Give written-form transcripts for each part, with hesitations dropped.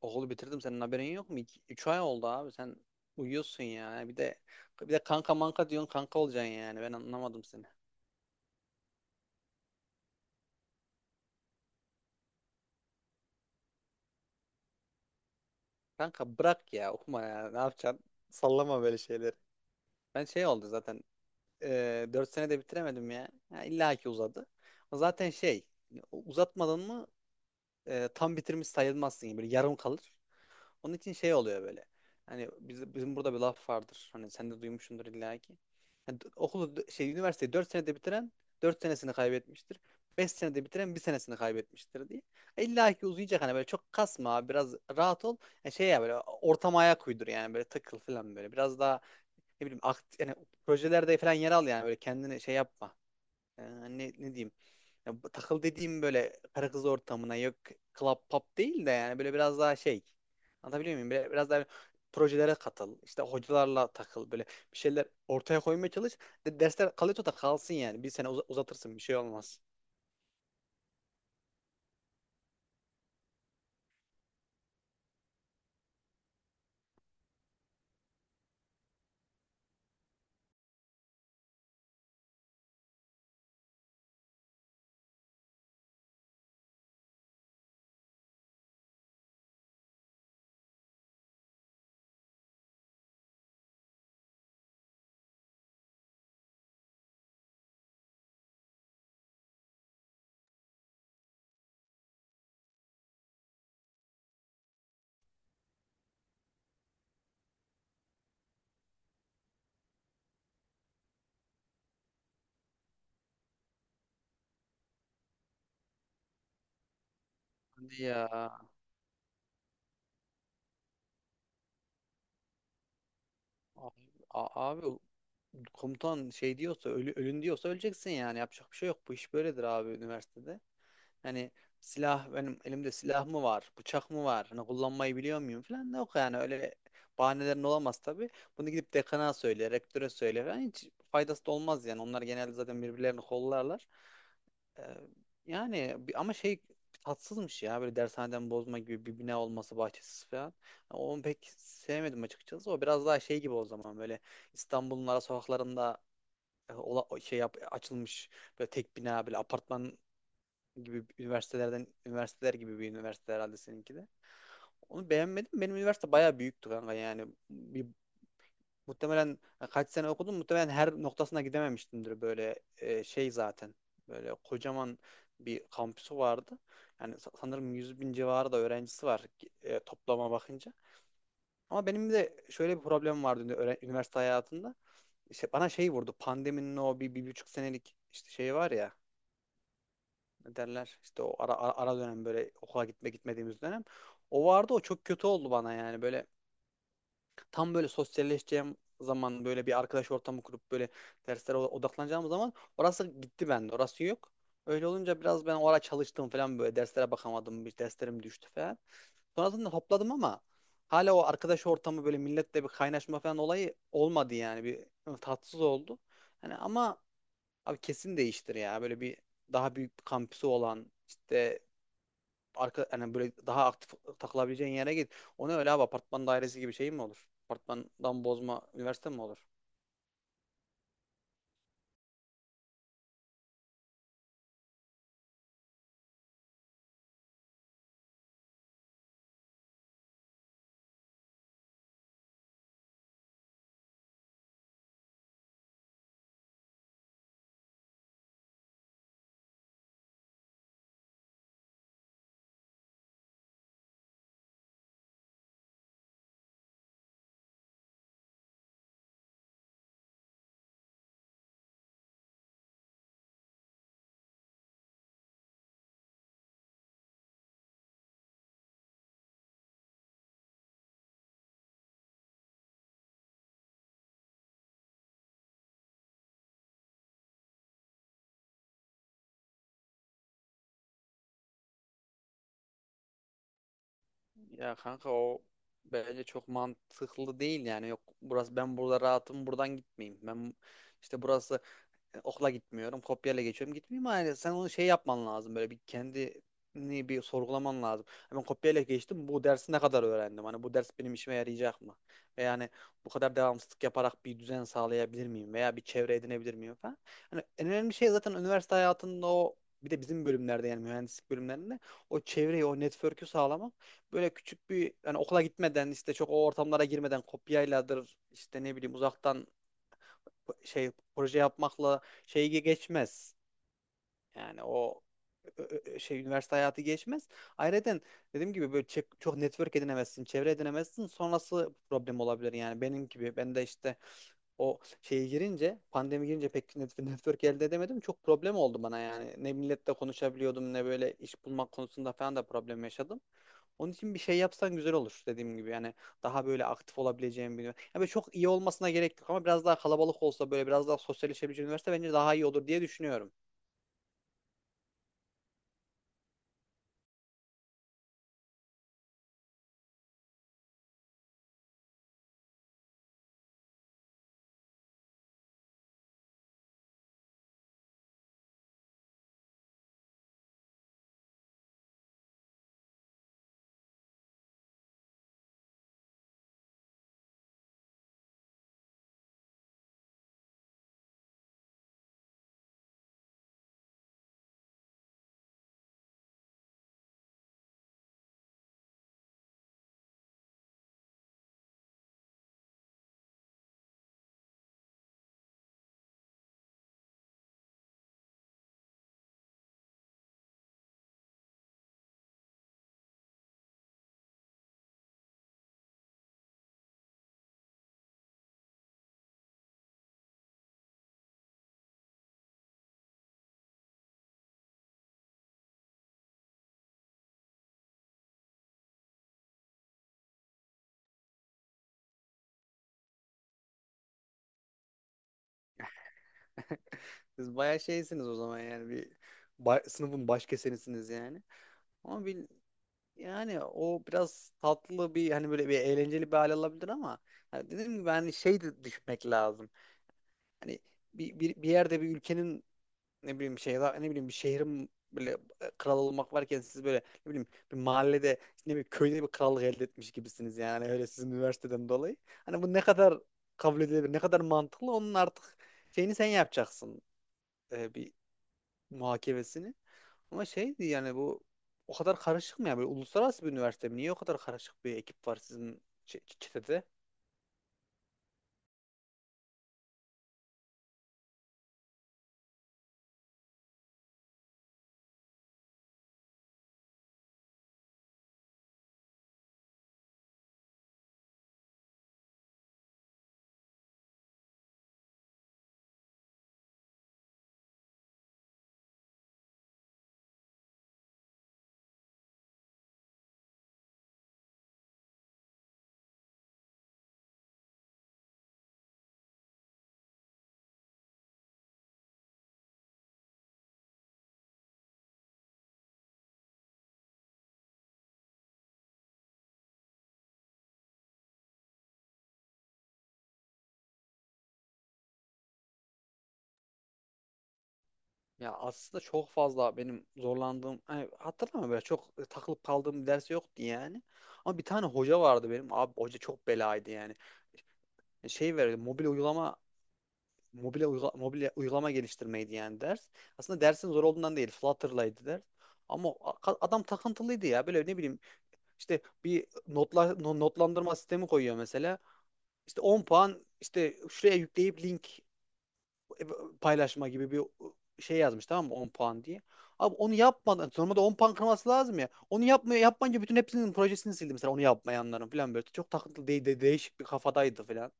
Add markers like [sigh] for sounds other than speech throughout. Okulu bitirdim senin haberin yok mu? 3 ay oldu abi sen uyuyorsun ya. Bir de kanka manka diyorsun kanka olacaksın yani. Ben anlamadım seni. Kanka bırak ya okuma ya. Ne yapacaksın? Sallama böyle şeyleri. Ben şey oldu zaten. 4 senede bitiremedim ya. Ya illa ki uzadı. Zaten şey uzatmadan mı tam bitirmiş sayılmazsın. Böyle yarım kalır. Onun için şey oluyor böyle. Hani bizim burada bir laf vardır. Hani sen de duymuşsundur illa ki. Yani okulu şey üniversiteyi 4 senede bitiren 4 senesini kaybetmiştir. 5 senede bitiren bir senesini kaybetmiştir diye. İlla ki uzayacak hani böyle çok kasma biraz rahat ol. Yani şey ya böyle ortama ayak uydur yani böyle takıl falan böyle. Biraz daha ne bileyim yani projelerde falan yer al yani böyle kendini şey yapma. e, ne diyeyim ya, bu takıl dediğim böyle karı kız ortamına yok, club pop değil de yani böyle biraz daha şey, anlatabiliyor muyum? Böyle, biraz daha projelere katıl işte hocalarla takıl böyle bir şeyler ortaya koymaya çalış. Dersler kalıyorsa da kalsın yani bir sene uzatırsın bir şey olmaz. Hadi ya abi, abi komutan şey diyorsa ölün diyorsa öleceksin yani yapacak bir şey yok. Bu iş böyledir abi üniversitede. Hani silah, benim elimde silah mı var, bıçak mı var, hani kullanmayı biliyor muyum falan da yok, yani öyle bahanelerin olamaz tabii. Bunu gidip dekana söyle, rektöre söyle falan, hiç faydası da olmaz yani. Onlar genelde zaten birbirlerini kollarlar. Ee, yani ama şey, tatsızmış ya böyle dershaneden bozma gibi bir bina olması, bahçesiz falan. Yani onu pek sevmedim açıkçası. O biraz daha şey gibi o zaman, böyle İstanbul'un ara sokaklarında açılmış böyle tek bina, böyle apartman gibi üniversitelerden üniversiteler gibi bir üniversite, herhalde seninki de. Onu beğenmedim. Benim üniversite bayağı büyüktü kanka yani. Muhtemelen, kaç sene okudum, muhtemelen her noktasına gidememiştimdir böyle, şey zaten. Böyle kocaman bir kampüsü vardı. Yani sanırım 100 bin civarı da öğrencisi var toplama bakınca. Ama benim de şöyle bir problem vardı üniversite hayatında. İşte bana şey vurdu, pandeminin o bir, 1,5 senelik işte şey var ya, ne derler işte, o ara dönem, böyle okula gitmediğimiz dönem. O vardı, o çok kötü oldu bana, yani böyle tam böyle sosyalleşeceğim zaman, böyle bir arkadaş ortamı kurup böyle derslere odaklanacağım zaman orası gitti bende. Orası yok. Öyle olunca biraz ben orada çalıştım falan, böyle derslere bakamadım. Bir derslerim düştü falan. Sonrasında topladım ama hala o arkadaş ortamı, böyle milletle bir kaynaşma falan olayı olmadı yani. Bir tatsız oldu. Hani ama abi, kesin değiştir ya. Böyle bir daha büyük bir kampüsü olan, işte yani böyle daha aktif takılabileceğin yere git. O ne öyle abi, apartman dairesi gibi şey mi olur? Apartmandan bozma üniversite mi olur? Ya kanka, o bence çok mantıklı değil yani. Yok burası, ben burada rahatım buradan gitmeyeyim. Ben işte burası. Okula gitmiyorum, kopyayla geçiyorum, gitmeyeyim, ama yani sen onu şey yapman lazım. Böyle bir kendini bir sorgulaman lazım. Ben kopyayla geçtim, bu dersi ne kadar öğrendim? Hani bu ders benim işime yarayacak mı? Ve yani bu kadar devamsızlık yaparak bir düzen sağlayabilir miyim? Veya bir çevre edinebilir miyim falan. Hani en önemli şey zaten üniversite hayatında o, bir de bizim bölümlerde yani mühendislik bölümlerinde o çevreyi, o network'ü sağlamak. Böyle küçük bir yani okula gitmeden, işte çok o ortamlara girmeden, kopyayladır işte, ne bileyim uzaktan şey, proje yapmakla şeyi geçmez. Yani o şey üniversite hayatı geçmez. Ayrıca dediğim gibi böyle çok network edinemezsin, çevre edinemezsin. Sonrası problem olabilir, yani benim gibi. Ben de işte o şeye girince, pandemi girince pek [laughs] network elde edemedim. Çok problem oldu bana yani. Ne milletle konuşabiliyordum, ne böyle iş bulmak konusunda falan da problem yaşadım. Onun için bir şey yapsan güzel olur, dediğim gibi. Yani daha böyle aktif olabileceğim bir üniversite. Yani böyle çok iyi olmasına gerek yok ama biraz daha kalabalık olsa, böyle biraz daha sosyalleşebileceğim üniversite bence daha iyi olur diye düşünüyorum. Siz bayağı şeysiniz o zaman yani, sınıfın baş kesenisiniz yani. Ama yani o biraz tatlı bir, hani böyle bir eğlenceli bir hale alabilir ama yani dediğim gibi, hani şey de düşünmek lazım. Hani bir yerde bir ülkenin, ne bileyim bir şey, ne bileyim bir şehrin böyle kral olmak varken, siz böyle ne bileyim bir mahallede, ne bileyim köyde bir krallık elde etmiş gibisiniz yani, öyle sizin üniversiteden dolayı. Hani bu ne kadar kabul edilebilir, ne kadar mantıklı, onun artık şeyini sen yapacaksın, bir muhakemesini. Ama şeydi yani, bu o kadar karışık mı ya, böyle uluslararası bir üniversite mi? Niye o kadar karışık bir ekip var sizin çetede? Ya aslında çok fazla benim zorlandığım, hani hatırlamıyorum böyle çok takılıp kaldığım bir ders yoktu yani. Ama bir tane hoca vardı benim. Abi hoca çok belaydı yani. Şey verdi, mobil uygulama geliştirmeydi yani ders. Aslında dersin zor olduğundan değil, Flutter'laydı ders. Ama adam takıntılıydı ya. Böyle ne bileyim işte bir notla, no- notlandırma sistemi koyuyor mesela. İşte 10 puan işte şuraya yükleyip link paylaşma gibi bir şey yazmış, tamam mı, 10 puan diye. Abi onu yapmadan normalde 10 puan kırması lazım ya. Onu yapmayınca bütün hepsinin projesini sildi mesela, onu yapmayanların falan böyle. Çok takıntılı değil de değişik bir kafadaydı falan.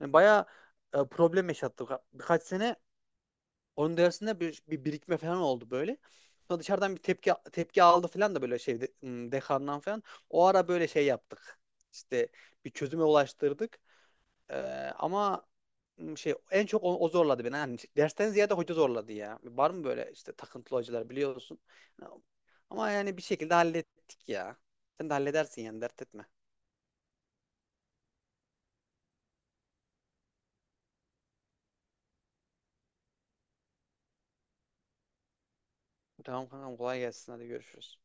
Yani bayağı problem yaşattı. Birkaç sene onun dersinde bir birikme falan oldu böyle. Sonra dışarıdan bir tepki tepki aldı falan da, böyle şey dekandan falan. O ara böyle şey yaptık. İşte bir çözüme ulaştırdık. Ee, ama şey, en çok o, zorladı beni. Yani dersten ziyade hoca zorladı ya. Var mı böyle işte takıntılı hocalar, biliyorsun. Ama yani bir şekilde hallettik ya. Sen de halledersin yani, dert etme. Tamam kankam, kolay gelsin, hadi görüşürüz.